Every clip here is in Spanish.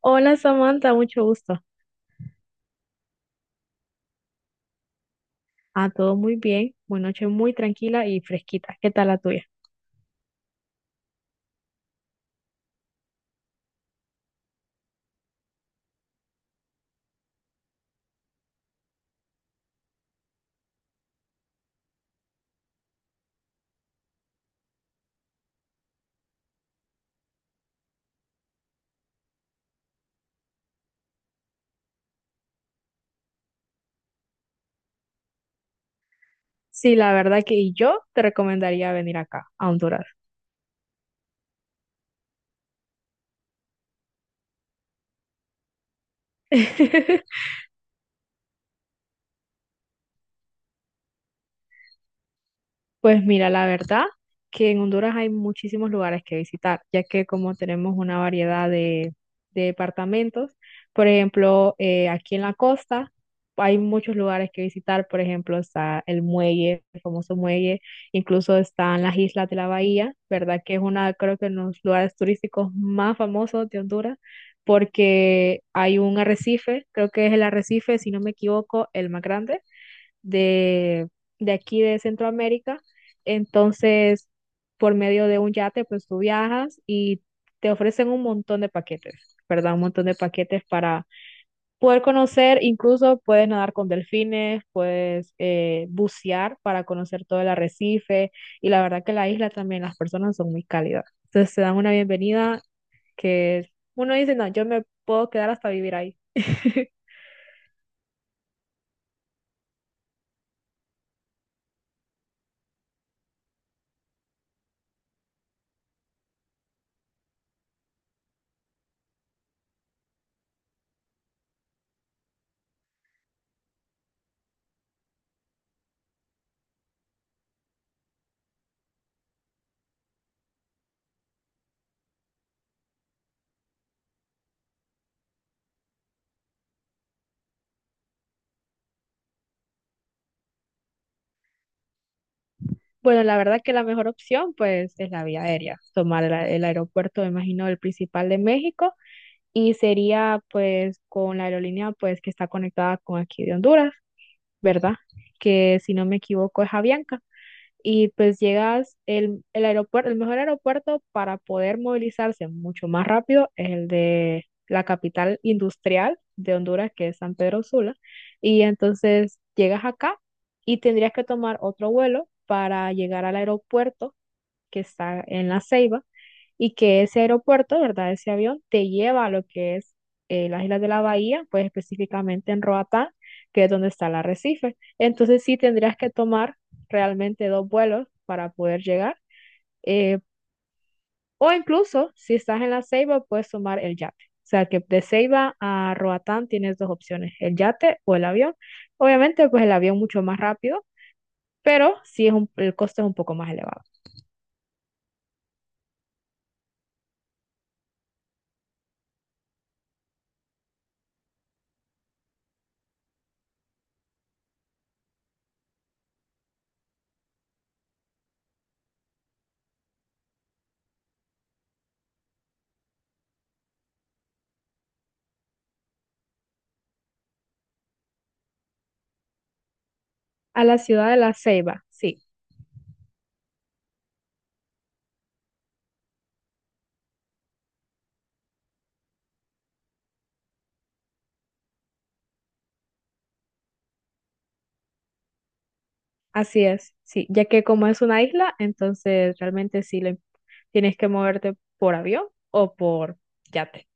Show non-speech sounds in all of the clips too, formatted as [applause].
Hola Samantha, mucho gusto. Ah, todo muy bien. Una noche muy tranquila y fresquita. ¿Qué tal la tuya? Sí, la verdad que yo te recomendaría venir acá, a Honduras. [laughs] Pues mira, la verdad que en Honduras hay muchísimos lugares que visitar, ya que como tenemos una variedad de departamentos. Por ejemplo, aquí en la costa hay muchos lugares que visitar. Por ejemplo, está el muelle, el famoso muelle. Incluso están las Islas de la Bahía, ¿verdad? Que es una, creo que uno de los lugares turísticos más famosos de Honduras, porque hay un arrecife, creo que es el arrecife, si no me equivoco, el más grande de, de aquí de Centroamérica. Entonces, por medio de un yate, pues tú viajas y te ofrecen un montón de paquetes, ¿verdad? Un montón de paquetes para poder conocer. Incluso puedes nadar con delfines, puedes bucear para conocer todo el arrecife. Y la verdad que la isla también, las personas son muy cálidas. Entonces, te dan una bienvenida que uno dice, no, yo me puedo quedar hasta vivir ahí. [laughs] Bueno, la verdad que la mejor opción pues es la vía aérea, tomar el aeropuerto, me imagino, el principal de México, y sería pues con la aerolínea pues que está conectada con aquí de Honduras, ¿verdad? Que si no me equivoco es Avianca. Y pues llegas, el aeropuerto, el mejor aeropuerto para poder movilizarse mucho más rápido es el de la capital industrial de Honduras, que es San Pedro Sula. Y entonces llegas acá y tendrías que tomar otro vuelo para llegar al aeropuerto que está en La Ceiba, y que ese aeropuerto, ¿verdad? Ese avión te lleva a lo que es las Islas de la Bahía, pues específicamente en Roatán, que es donde está el arrecife. Entonces sí tendrías que tomar realmente dos vuelos para poder llegar, eh, o incluso si estás en la Ceiba, puedes tomar el yate. O sea que de Ceiba a Roatán tienes dos opciones, el yate o el avión. Obviamente, pues el avión mucho más rápido, pero sí es el costo es un poco más elevado. A la ciudad de La Ceiba, sí. Así es, sí, ya que como es una isla, entonces realmente tienes que moverte por avión o por yate.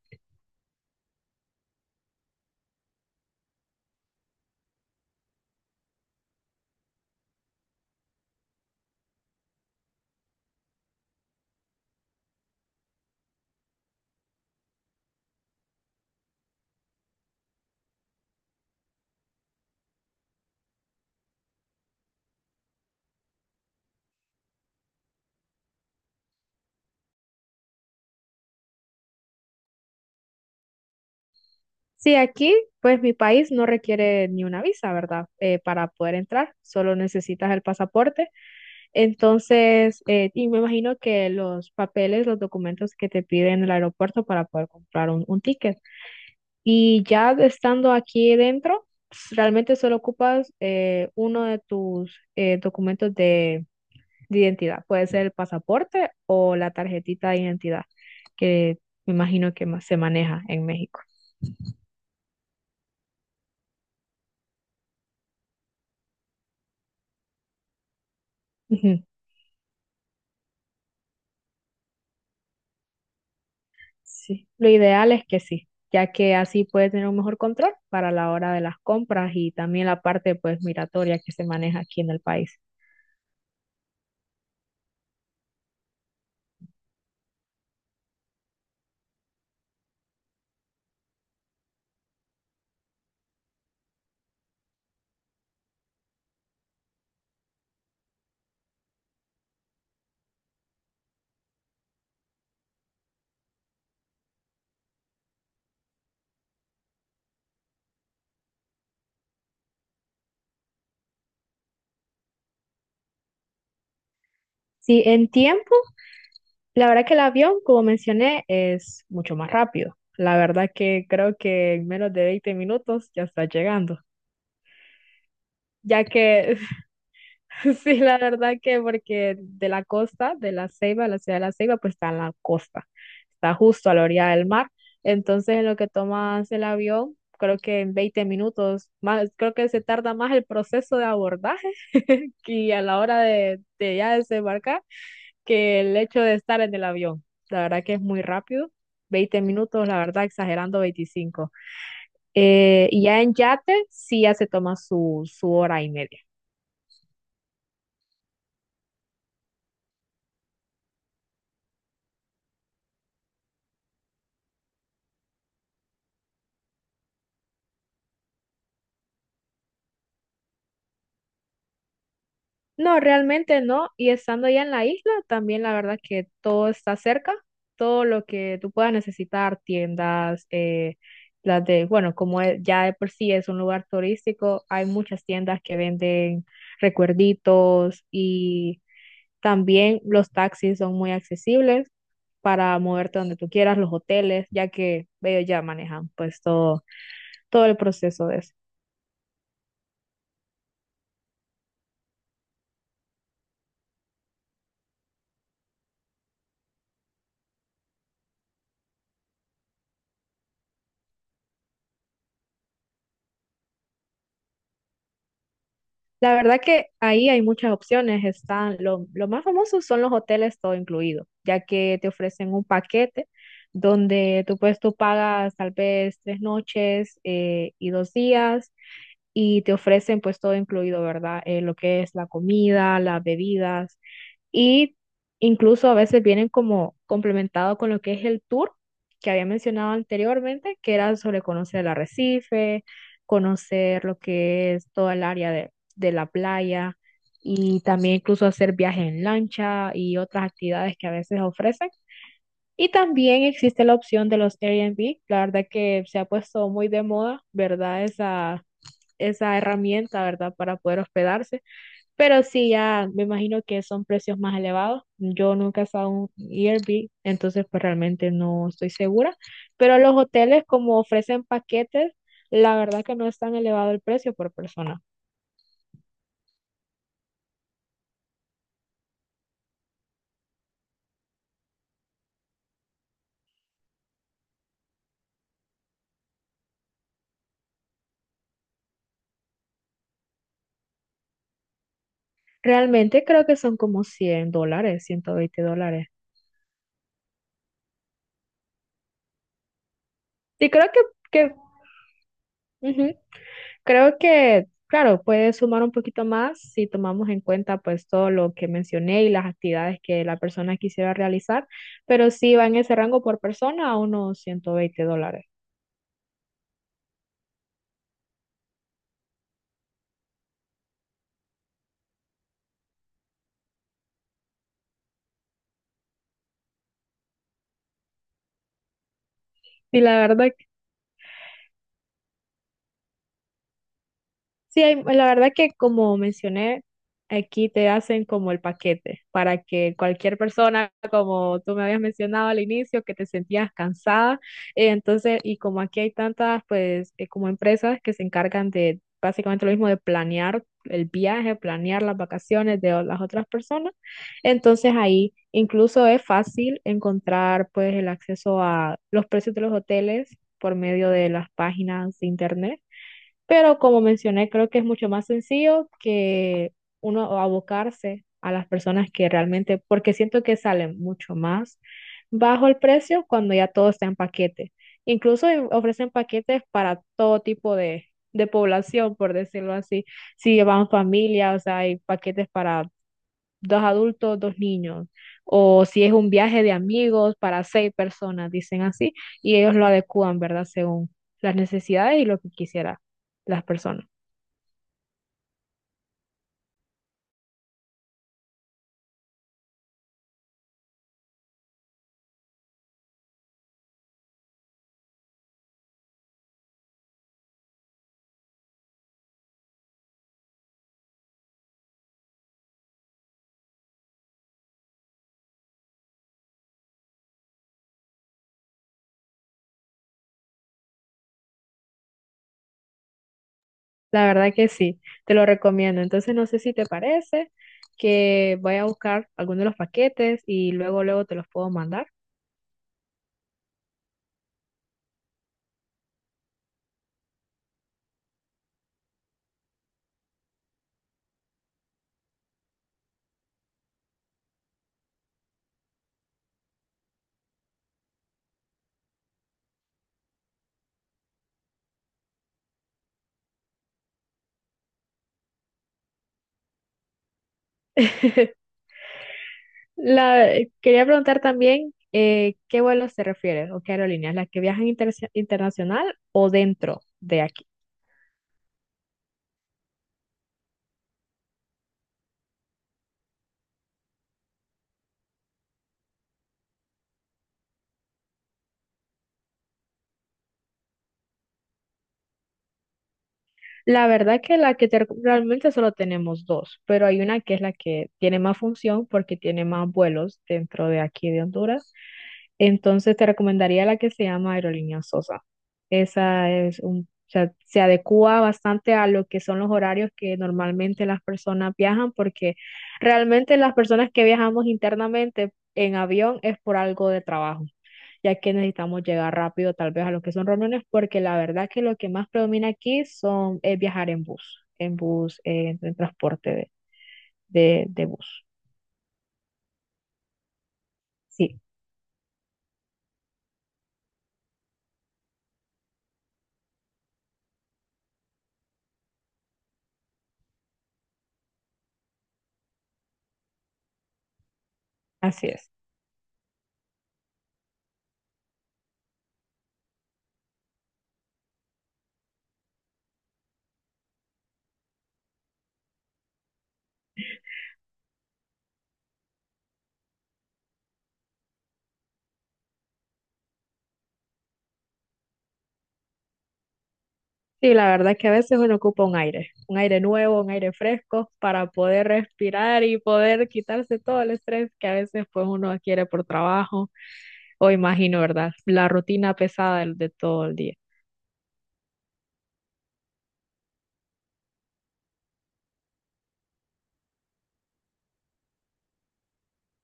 Sí, aquí, pues mi país no requiere ni una visa, ¿verdad? Para poder entrar, solo necesitas el pasaporte. Entonces, y me imagino que los papeles, los documentos que te piden en el aeropuerto para poder comprar un ticket. Y ya estando aquí dentro, pues, realmente solo ocupas uno de tus documentos de identidad. Puede ser el pasaporte o la tarjetita de identidad, que me imagino que más se maneja en México. Ujú. Sí, lo ideal es que sí, ya que así puede tener un mejor control para la hora de las compras y también la parte pues migratoria que se maneja aquí en el país. Sí, en tiempo la verdad que el avión, como mencioné, es mucho más rápido. La verdad que creo que en menos de 20 minutos ya está llegando. Ya que, [laughs] sí, la verdad que porque de la costa, de La Ceiba, la ciudad de La Ceiba, pues está en la costa. Está justo a la orilla del mar. Entonces, en lo que tomas el avión, creo que en 20 minutos, más, creo que se tarda más el proceso de abordaje [laughs] que a la hora de ya desembarcar que el hecho de estar en el avión. La verdad que es muy rápido, 20 minutos, la verdad, exagerando 25. Y ya en yate sí ya se toma su, su hora y media. No, realmente no. Y estando ya en la isla, también la verdad que todo está cerca, todo lo que tú puedas necesitar, tiendas, ya de por sí es un lugar turístico, hay muchas tiendas que venden recuerditos. Y también los taxis son muy accesibles para moverte donde tú quieras, los hoteles, ya que ellos ya manejan pues todo, todo el proceso de eso. La verdad que ahí hay muchas opciones. Están lo más famoso son los hoteles todo incluido, ya que te ofrecen un paquete donde tú pues tú pagas tal vez 3 noches y 2 días, y te ofrecen pues todo incluido, ¿verdad? Lo que es la comida, las bebidas. Y incluso a veces vienen como complementado con lo que es el tour que había mencionado anteriormente, que era sobre conocer el arrecife, conocer lo que es toda el área de la playa, y también incluso hacer viajes en lancha y otras actividades que a veces ofrecen. Y también existe la opción de los Airbnb. La verdad que se ha puesto muy de moda, ¿verdad? Esa herramienta, ¿verdad? Para poder hospedarse. Pero sí, ya me imagino que son precios más elevados. Yo nunca he estado en un Airbnb, entonces pues realmente no estoy segura. Pero los hoteles, como ofrecen paquetes, la verdad que no es tan elevado el precio por persona. Realmente creo que son como 100 dólares, 120 dólares. Sí, creo que ujú. Creo que, claro, puede sumar un poquito más si tomamos en cuenta pues todo lo que mencioné y las actividades que la persona quisiera realizar, pero sí va en ese rango por persona a unos 120 dólares. Y la verdad Sí, la verdad que como mencioné, aquí te hacen como el paquete para que cualquier persona, como tú me habías mencionado al inicio, que te sentías cansada, entonces, y como aquí hay tantas, pues, como empresas que se encargan de básicamente lo mismo de planear el viaje, planear las vacaciones las otras personas. Entonces ahí incluso es fácil encontrar, pues, el acceso a los precios de los hoteles por medio de las páginas de internet. Pero como mencioné, creo que es mucho más sencillo que uno abocarse a las personas que realmente, porque siento que salen mucho más bajo el precio cuando ya todo está en paquete. Incluso ofrecen paquetes para todo tipo de población, por decirlo así. Si van familia, o sea, hay paquetes para dos adultos, dos niños. O si es un viaje de amigos para seis personas, dicen así, y ellos lo adecúan, ¿verdad? Según las necesidades y lo que quisiera las personas. La verdad que sí, te lo recomiendo. Entonces, no sé si te parece que voy a buscar alguno de los paquetes y luego, luego te los puedo mandar. [laughs] La, quería preguntar también qué vuelos te refieres o qué aerolíneas, las que viajan internacional o dentro de aquí. La verdad que la que te realmente solo tenemos dos, pero hay una que es la que tiene más función porque tiene más vuelos dentro de aquí de Honduras. Entonces te recomendaría la que se llama Aerolínea Sosa. Esa es un, o sea, se adecua bastante a lo que son los horarios que normalmente las personas viajan, porque realmente las personas que viajamos internamente en avión es por algo de trabajo, ya que necesitamos llegar rápido tal vez a lo que son reuniones. Porque la verdad que lo que más predomina aquí son, es viajar en bus, en bus, en transporte de bus. Sí, así es. Sí, la verdad que a veces uno ocupa un aire nuevo, un aire fresco para poder respirar y poder quitarse todo el estrés que a veces pues uno adquiere por trabajo o imagino, ¿verdad? La rutina pesada de todo el día.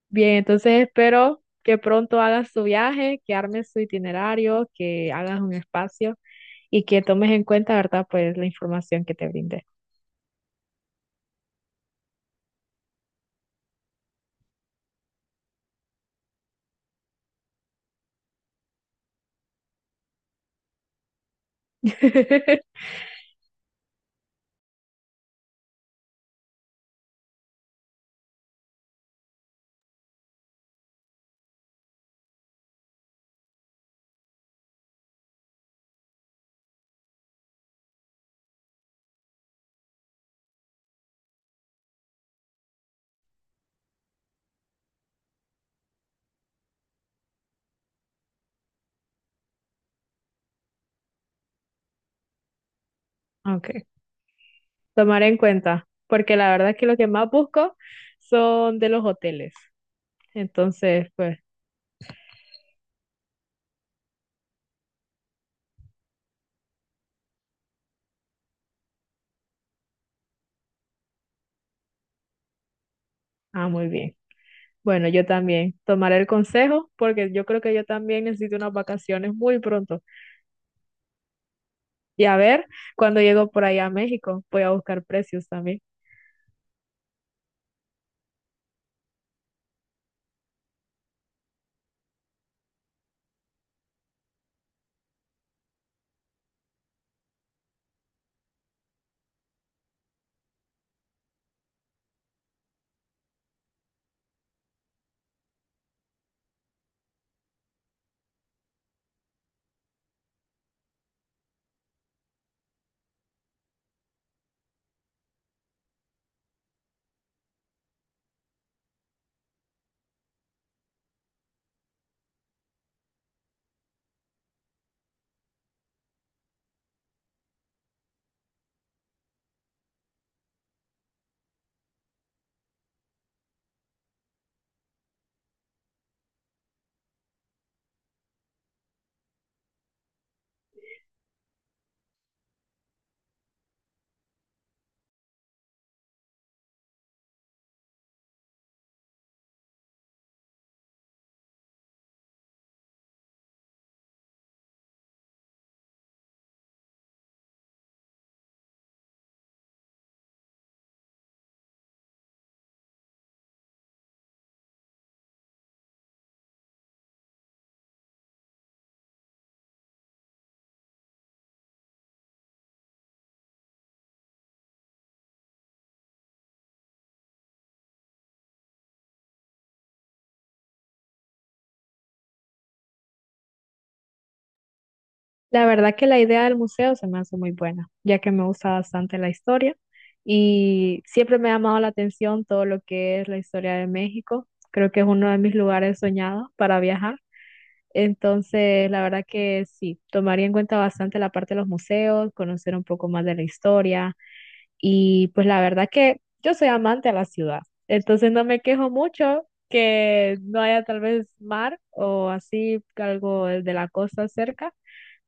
Bien, entonces espero que pronto hagas tu viaje, que armes tu itinerario, que hagas un espacio y que tomes en cuenta, ¿verdad? Pues la información que te brindé. [laughs] Ok, tomaré en cuenta, porque la verdad es que lo que más busco son de los hoteles. Entonces, pues, ah, muy bien. Bueno, yo también tomaré el consejo porque yo creo que yo también necesito unas vacaciones muy pronto. Y a ver, cuando llego por allá a México, voy a buscar precios también. La verdad que la idea del museo se me hace muy buena, ya que me gusta bastante la historia y siempre me ha llamado la atención todo lo que es la historia de México. Creo que es uno de mis lugares soñados para viajar. Entonces, la verdad que sí, tomaría en cuenta bastante la parte de los museos, conocer un poco más de la historia. Y pues la verdad que yo soy amante a la ciudad. Entonces, no me quejo mucho que no haya tal vez mar o así algo de la costa cerca,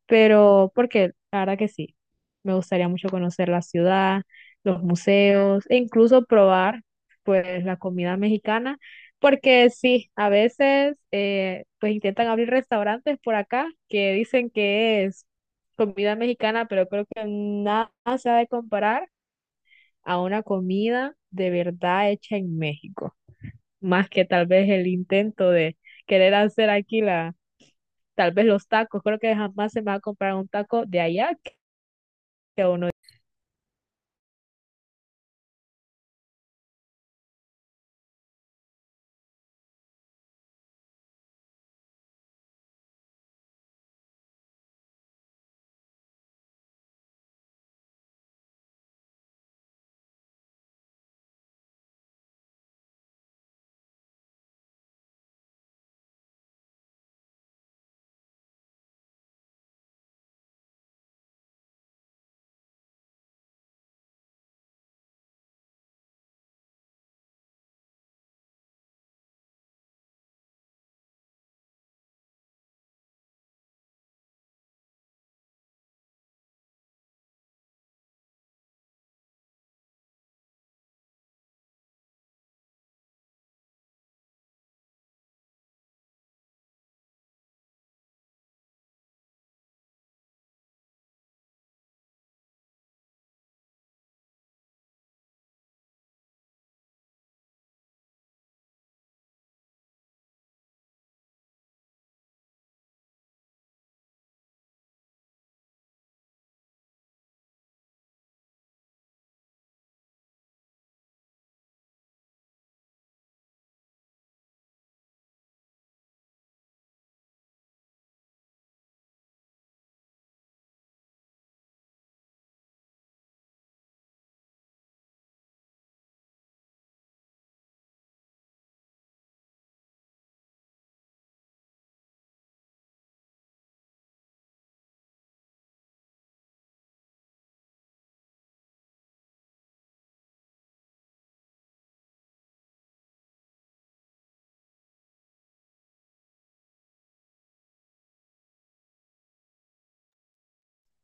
pero porque la verdad que sí, me gustaría mucho conocer la ciudad, los museos, e incluso probar pues la comida mexicana. Porque sí, a veces pues intentan abrir restaurantes por acá que dicen que es comida mexicana, pero creo que nada se ha de comparar a una comida de verdad hecha en México, más que tal vez el intento de querer hacer aquí la, tal vez los tacos. Creo que jamás se me va a comprar un taco de allá.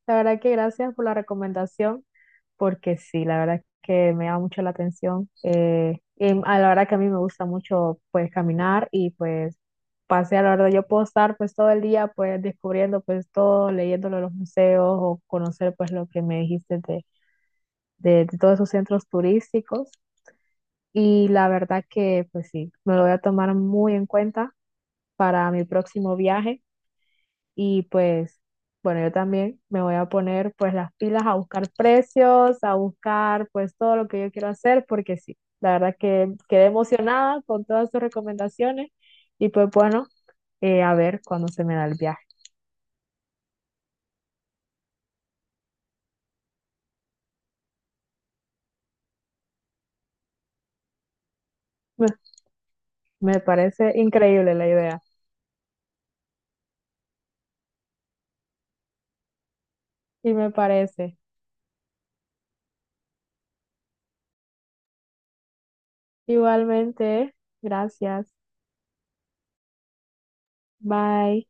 La verdad que gracias por la recomendación, porque sí, la verdad que me llama mucho la atención. Y a la verdad que a mí me gusta mucho pues caminar y pues pasear. La verdad yo puedo estar pues todo el día pues descubriendo pues todo, leyéndolo en los museos, o conocer pues lo que me dijiste de todos esos centros turísticos. Y la verdad que pues sí, me lo voy a tomar muy en cuenta para mi próximo viaje. Y pues, bueno, yo también me voy a poner pues las pilas a buscar precios, a buscar pues todo lo que yo quiero hacer, porque sí, la verdad que quedé emocionada con todas sus recomendaciones. Y pues bueno, a ver cuándo se me da el viaje. Me, me parece increíble la idea, y me parece. Igualmente, gracias. Bye.